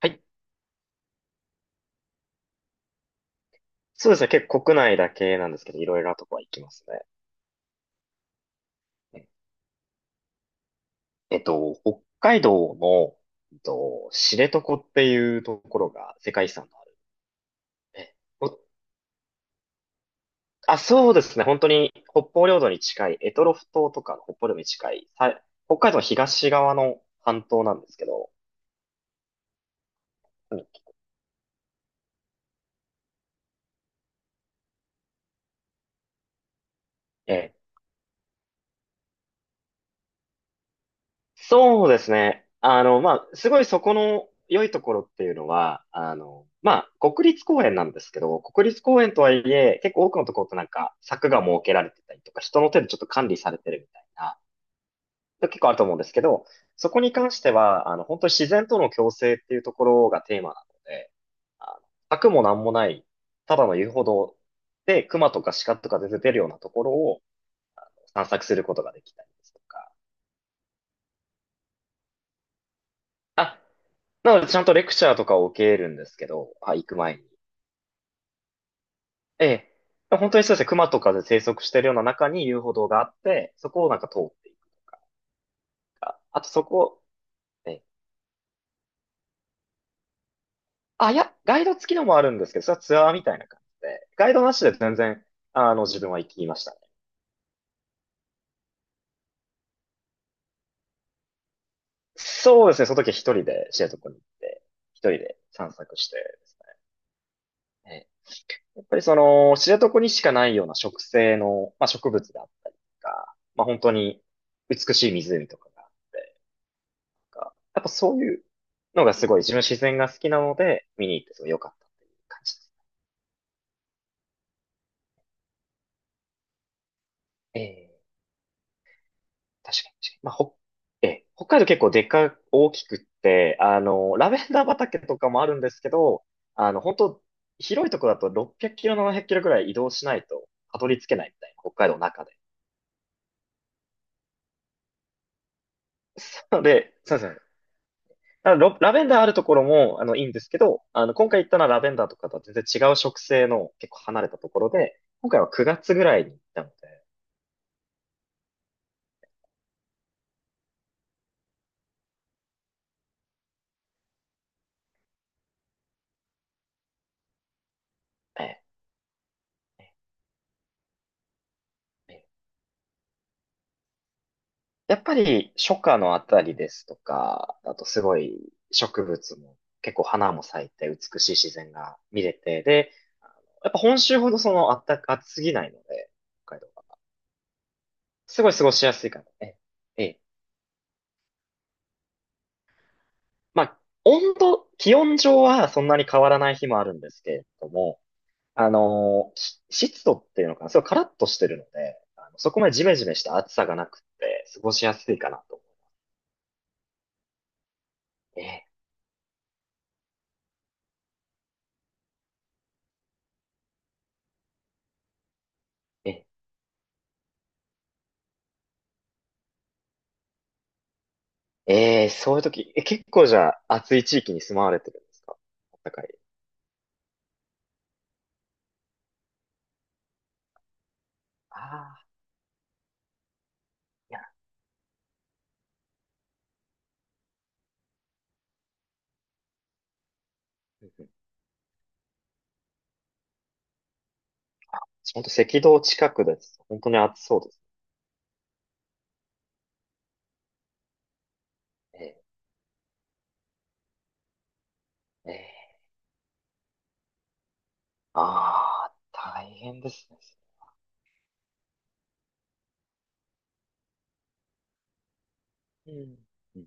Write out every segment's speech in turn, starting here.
はい。そうですね。結構国内だけなんですけど、いろいろなとこは行きますね。北海道の、知床っていうところが世界遺産のあるで。おあ、そうですね。本当に北方領土に近い、択捉島とかの北方領土に近い、北海道の東側の半島なんですけど、うんえそうですね。あの、まあ、すごいそこの良いところっていうのは、あの、まあ、国立公園なんですけど、国立公園とはいえ、結構多くのところってなんか柵が設けられてたりとか、人の手でちょっと管理されてるみたいな、結構あると思うんですけど、そこに関しては、あの、本当に自然との共生っていうところがテーマなので、あの、柵もなんもない、ただの遊歩道で、熊とか鹿とか全然出てるようなところを散策することができたりですとか、あなので、ちゃんとレクチャーとかを受けるんですけど、はい、行く前に。ええ。本当にそうですね、熊とかで生息してるような中に遊歩道があって、そこをなんか通っていくか。あとそこ、ええ。あ、いや、ガイド付きのもあるんですけど、それはツアーみたいな感じで、ガイドなしで全然、あの、自分は行きましたね。そうですね、その時は一人で知床に行って、一人で散策してですね。ええ。やっぱりその、知床にしかないような植生の、まあ、植物であったりとか、まあ、本当に美しい湖とかがあって、やっぱそういうのがすごい自分自然が好きなので、見に行ってすごい良かったっていう感じです。ええ、確かに確かに。ええ、北海道結構大きくって、あの、ラベンダー畑とかもあるんですけど、あの、本当広いところだと600キロ、700キロぐらい移動しないとたどり着けないみたいな、北海道の中で。そうですね。ラベンダーあるところも、あの、いいんですけど、あの、今回行ったのはラベンダーとかとは全然違う植生の結構離れたところで、今回は9月ぐらいに行ったので、ええ。えやっぱり初夏のあたりですとか、だとすごい植物も結構花も咲いて美しい自然が見れて、で、やっぱ本州ほどそのあったか、暑すぎないので、北海道は。すごい過ごしやすいかな。ええ、ええ。まあ、気温上はそんなに変わらない日もあるんですけれども、あのーし湿度っていうのかな、すごいカラッとしてるので、あのそこまでジメジメした暑さがなくって過ごしやすいかなと思う。ええ、ええ。ええ、そういう時、結構じゃあ暑い地域に住まわれてるんですか？あったかい。ああ、いや、うんうん、本当赤道近くです。本当に暑そうですね。ええ。ああー、大変ですね。うん。うん。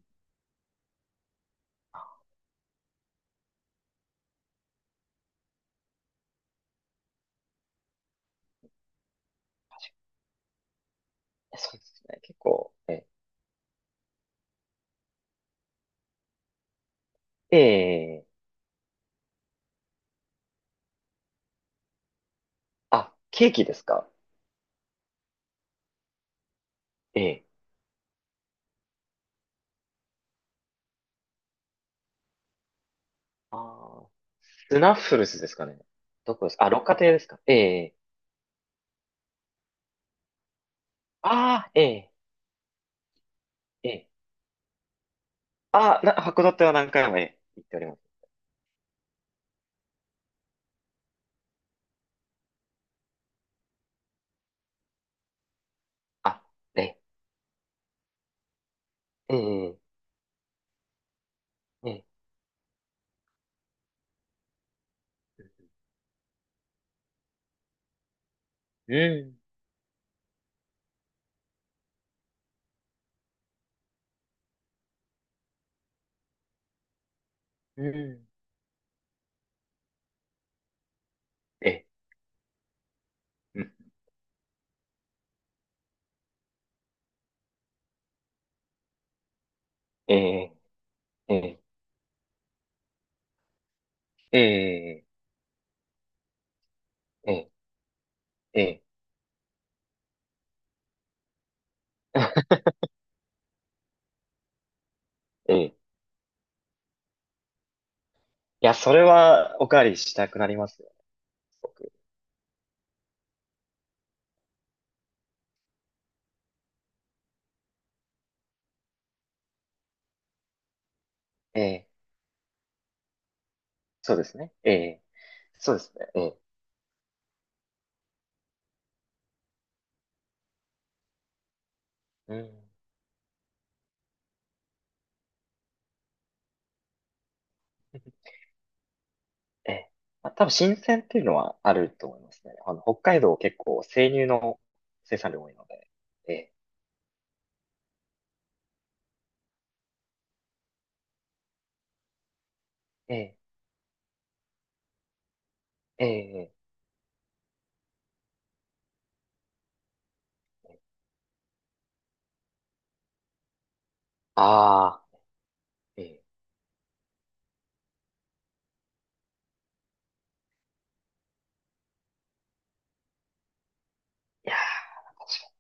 そうですね。結構、ええ、ええ、あ、ケーキですか？ええ。ああ、スナッフルズですかね。どこですか？あ、六花亭ですか？ええ。ああ、ええ、ええ、ああ、函館は何回も、ええ、行っております。あ、ええ、ええ、ええ、うん。うん。え、うん。えー、えー、えー、えー、えー、いや、それはおかわりしたくなりますよ、僕。ええ、そうですね。ええ、そうですね。ええ、うん。ええ、まあ、多分新鮮っていうのはあると思いますね。あの、北海道結構生乳の生産量多いので。ええ、ええ、ええ、ああー、ええ、いやー、確か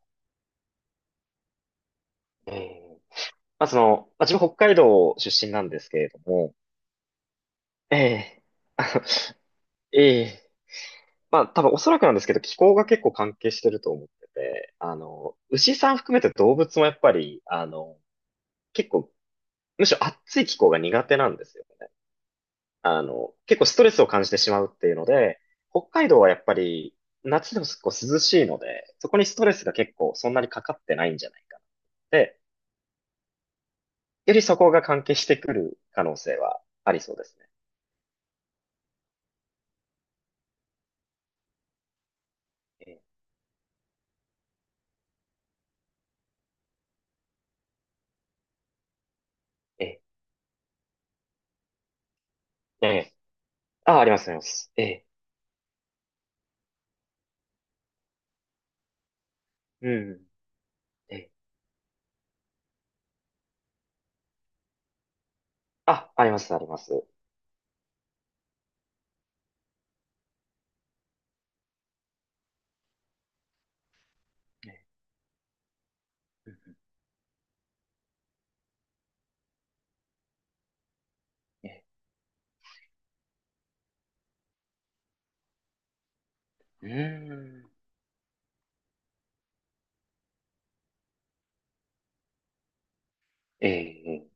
に。ええ、まあ、その、まあ、自分北海道出身なんですけれども、ええ、あのええ、まあ、多分おそらくなんですけど、気候が結構関係してると思ってて、あの、牛さん含めて動物もやっぱり、あの、結構、むしろ暑い気候が苦手なんですよね。あの、結構ストレスを感じてしまうっていうので、北海道はやっぱり、夏でも結構涼しいので、そこにストレスが結構そんなにかかってないんじゃないかなって、よりそこが関係してくる可能性はありそうですね。ええ、ええ、ええ。あ、あります、あります。ええ、うん、ええ、あ、あります、あります。ええ。うんうん、うーん。ええ、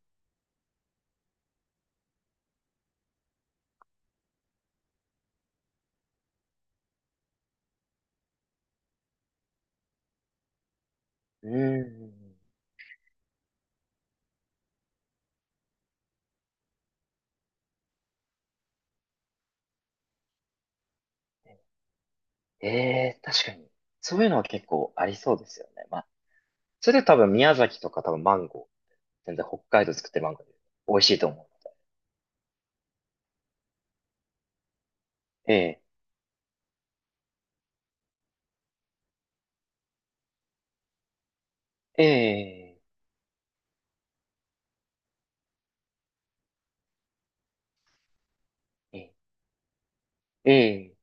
うーん。ええ、確かに。そういうのは結構ありそうですよね。まあ、それで多分宮崎とか多分マンゴー、全然北海道作ってるマンゴーで美味しいと思う。ええ、ええ、ええ、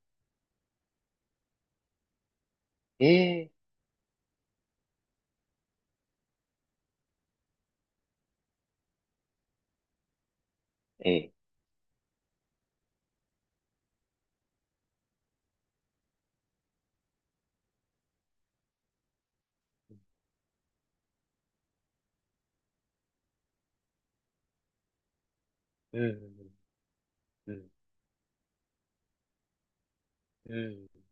ええ、ええ、うん。うん。うん。うん。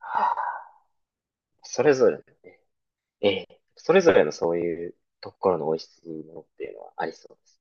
はあ。それぞれのね、ええ、それぞれのそういうところの美味しいものっていうのはありそうです。